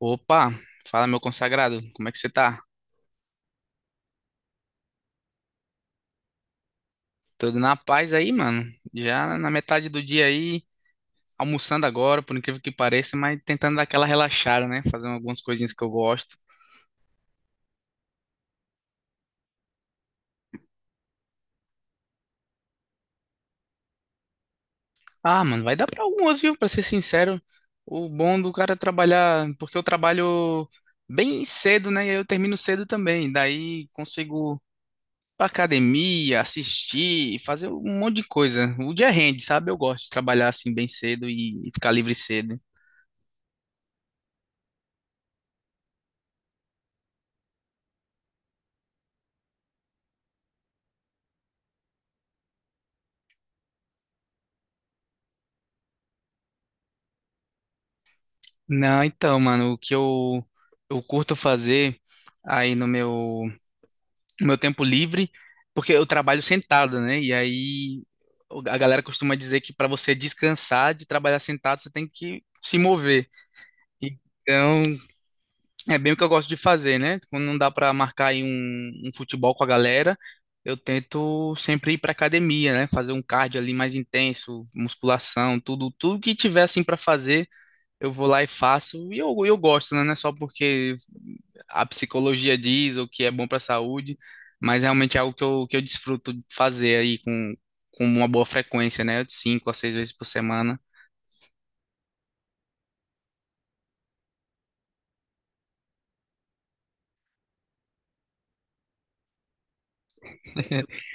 Opa, fala meu consagrado, como é que você tá? Tudo na paz aí, mano? Já na metade do dia aí, almoçando agora, por incrível que pareça, mas tentando dar aquela relaxada, né? Fazendo algumas coisinhas que eu gosto. Ah, mano, vai dar pra algumas, viu? Pra ser sincero, o bom do cara é trabalhar, porque eu trabalho bem cedo, né? E aí eu termino cedo também, daí consigo ir pra academia, assistir, fazer um monte de coisa. O dia rende, sabe? Eu gosto de trabalhar assim bem cedo e ficar livre cedo. Não, então, mano, o que eu curto fazer aí no meu tempo livre, porque eu trabalho sentado, né? E aí a galera costuma dizer que para você descansar de trabalhar sentado, você tem que se mover. Então, é bem o que eu gosto de fazer, né? Quando não dá para marcar aí um futebol com a galera, eu tento sempre ir para academia, né? Fazer um cardio ali mais intenso, musculação, tudo, tudo que tiver assim para fazer eu vou lá e faço, e eu gosto, né? Não é só porque a psicologia diz o que é bom para a saúde, mas realmente é algo que eu desfruto de fazer aí com uma boa frequência, né? De 5 a 6 vezes por semana.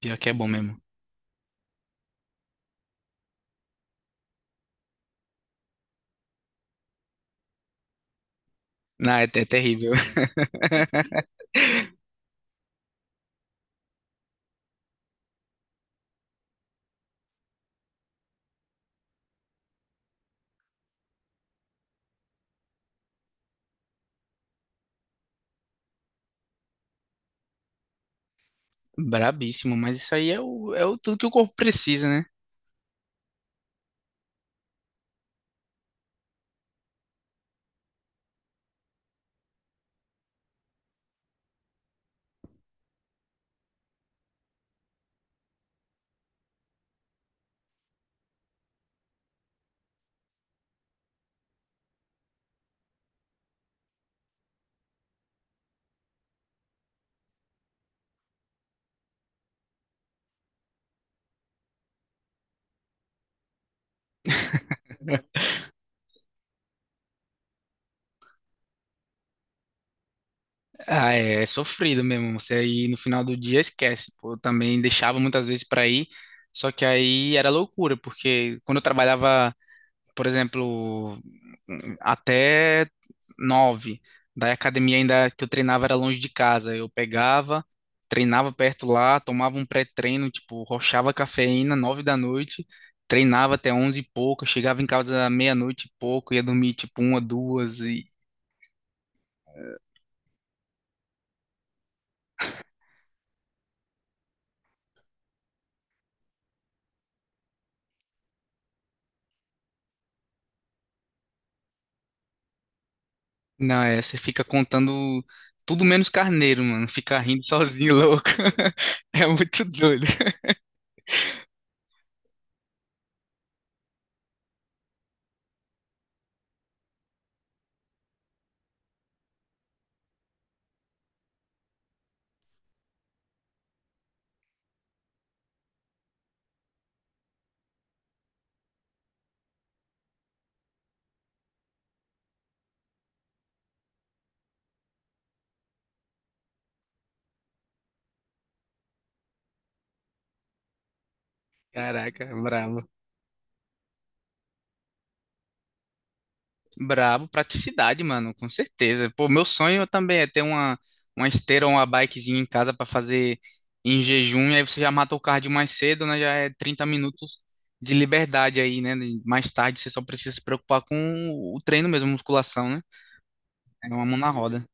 Pior que é bom mesmo. Não, é terrível. Brabíssimo, mas isso aí é o tudo que o corpo precisa, né? Ah, é sofrido mesmo. Você aí no final do dia esquece. Pô, eu também deixava muitas vezes para ir, só que aí era loucura, porque quando eu trabalhava, por exemplo, até 9. Daí a academia ainda que eu treinava era longe de casa. Eu pegava, treinava perto lá, tomava um pré-treino, tipo, rochava cafeína, 9 da noite, treinava até 11 e pouco, chegava em casa meia-noite e pouco, ia dormir tipo uma, duas e... Não, é, você fica contando tudo menos carneiro, mano. Fica rindo sozinho, louco. É muito doido. Caraca, bravo. Brabo, praticidade, mano, com certeza. Pô, meu sonho também é ter uma esteira ou uma bikezinha em casa pra fazer em jejum, e aí você já mata o cardio mais cedo, né? Já é 30 minutos de liberdade aí, né? Mais tarde você só precisa se preocupar com o treino mesmo, musculação, né? É uma mão na roda.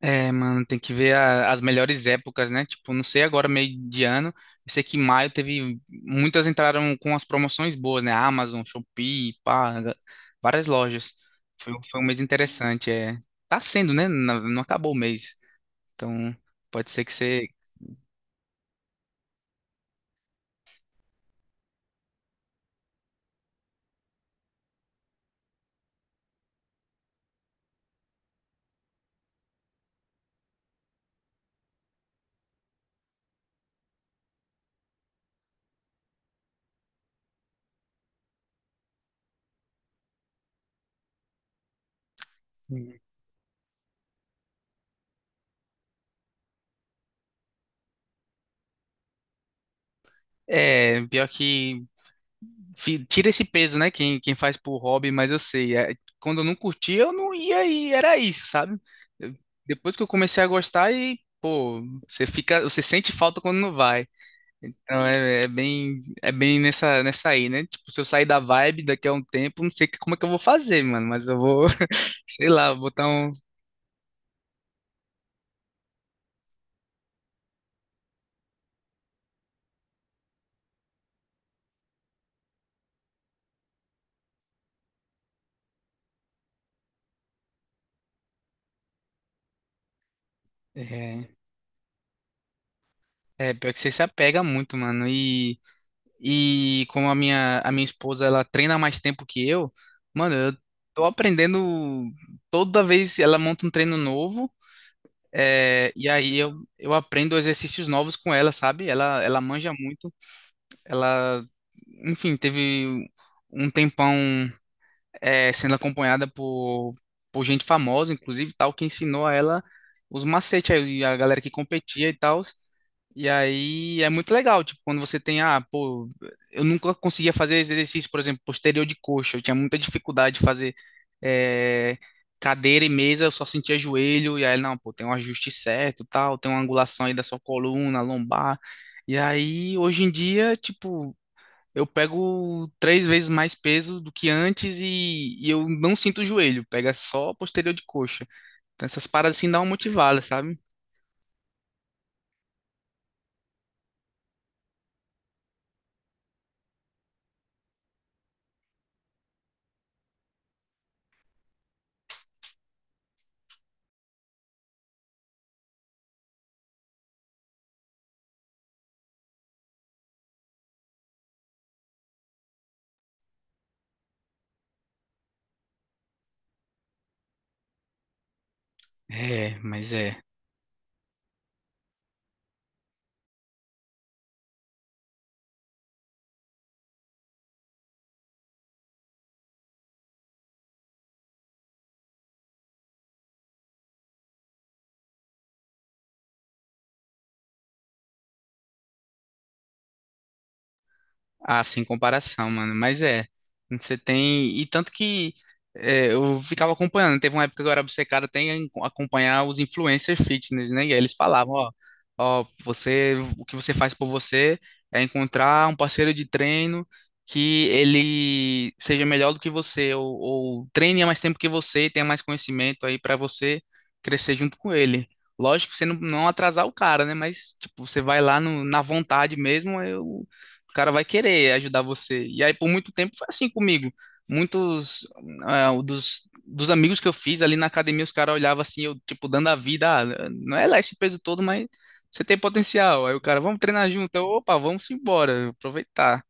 É, mano, tem que ver as melhores épocas, né? Tipo, não sei agora, meio de ano. Eu sei que em maio teve. Muitas entraram com as promoções boas, né? Amazon, Shopee, pá, ga- várias lojas. Foi, foi um mês interessante. É. Tá sendo, né? Não, não acabou o mês. Então, pode ser que você. Sim. É, pior que fi- tira esse peso, né? Quem faz por hobby, mas eu sei. É, quando eu não curtia, eu não ia e era isso, sabe? Eu- Depois que eu comecei a gostar e, pô, você fica, você sente falta quando não vai. Então é, é bem nessa aí, né? Tipo, se eu sair da vibe daqui a um tempo, não sei como é que eu vou fazer, mano, mas eu vou, sei lá, botar um. É, é, pior que você se apega muito, mano. E. E como a minha esposa, ela treina há mais tempo que eu, mano, eu tô aprendendo toda vez ela monta um treino novo, e aí eu aprendo exercícios novos com ela, sabe? Ela manja muito, ela, enfim, teve um tempão, é, sendo acompanhada por gente famosa, inclusive, tal, que ensinou a ela os macetes, aí, a galera que competia e tal. E aí é muito legal, tipo, quando você tem, ah, pô, eu nunca conseguia fazer esse exercício, por exemplo, posterior de coxa, eu tinha muita dificuldade de fazer eh, cadeira e mesa, eu só sentia joelho, e aí, não, pô, tem um ajuste certo, tal, tem uma angulação aí da sua coluna, lombar. E aí, hoje em dia, tipo, eu pego 3 vezes mais peso do que antes e eu não sinto o joelho, pega só a posterior de coxa. Então essas paradas assim dão uma motivada, sabe? É, mas é. Ah, sem comparação, mano. Mas é, você tem. E tanto que é, eu ficava acompanhando. Teve uma época que eu era obcecado até em acompanhar os influencer fitness, né? E aí eles falavam: ó, ó, você, o que você faz por você é encontrar um parceiro de treino que ele seja melhor do que você, ou treine há mais tempo que você e tenha mais conhecimento aí pra você crescer junto com ele. Lógico que você não, não atrasar o cara, né? Mas, tipo, você vai lá na vontade mesmo, eu. O cara vai querer ajudar você. E aí, por muito tempo, foi assim comigo. Muitos dos amigos que eu fiz ali na academia, os caras olhavam assim, eu, tipo, dando a vida. Ah, não é lá esse peso todo, mas você tem potencial. Aí o cara, vamos treinar junto. Eu, opa, vamos embora, aproveitar.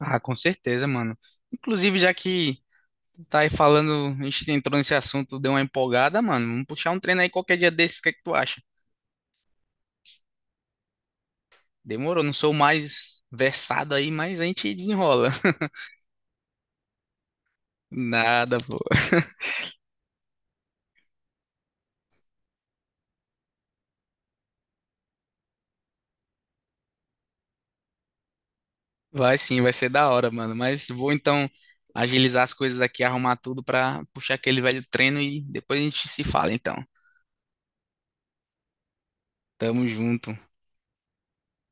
Ah, com certeza, mano. Inclusive, já que tá aí falando, a gente entrou nesse assunto, deu uma empolgada, mano. Vamos puxar um treino aí qualquer dia desses, o que é que tu acha? Demorou, não sou o mais versado aí, mas a gente desenrola. Nada, pô. Vai sim, vai ser da hora, mano. Mas vou então agilizar as coisas aqui, arrumar tudo pra puxar aquele velho treino e depois a gente se fala, então. Tamo junto.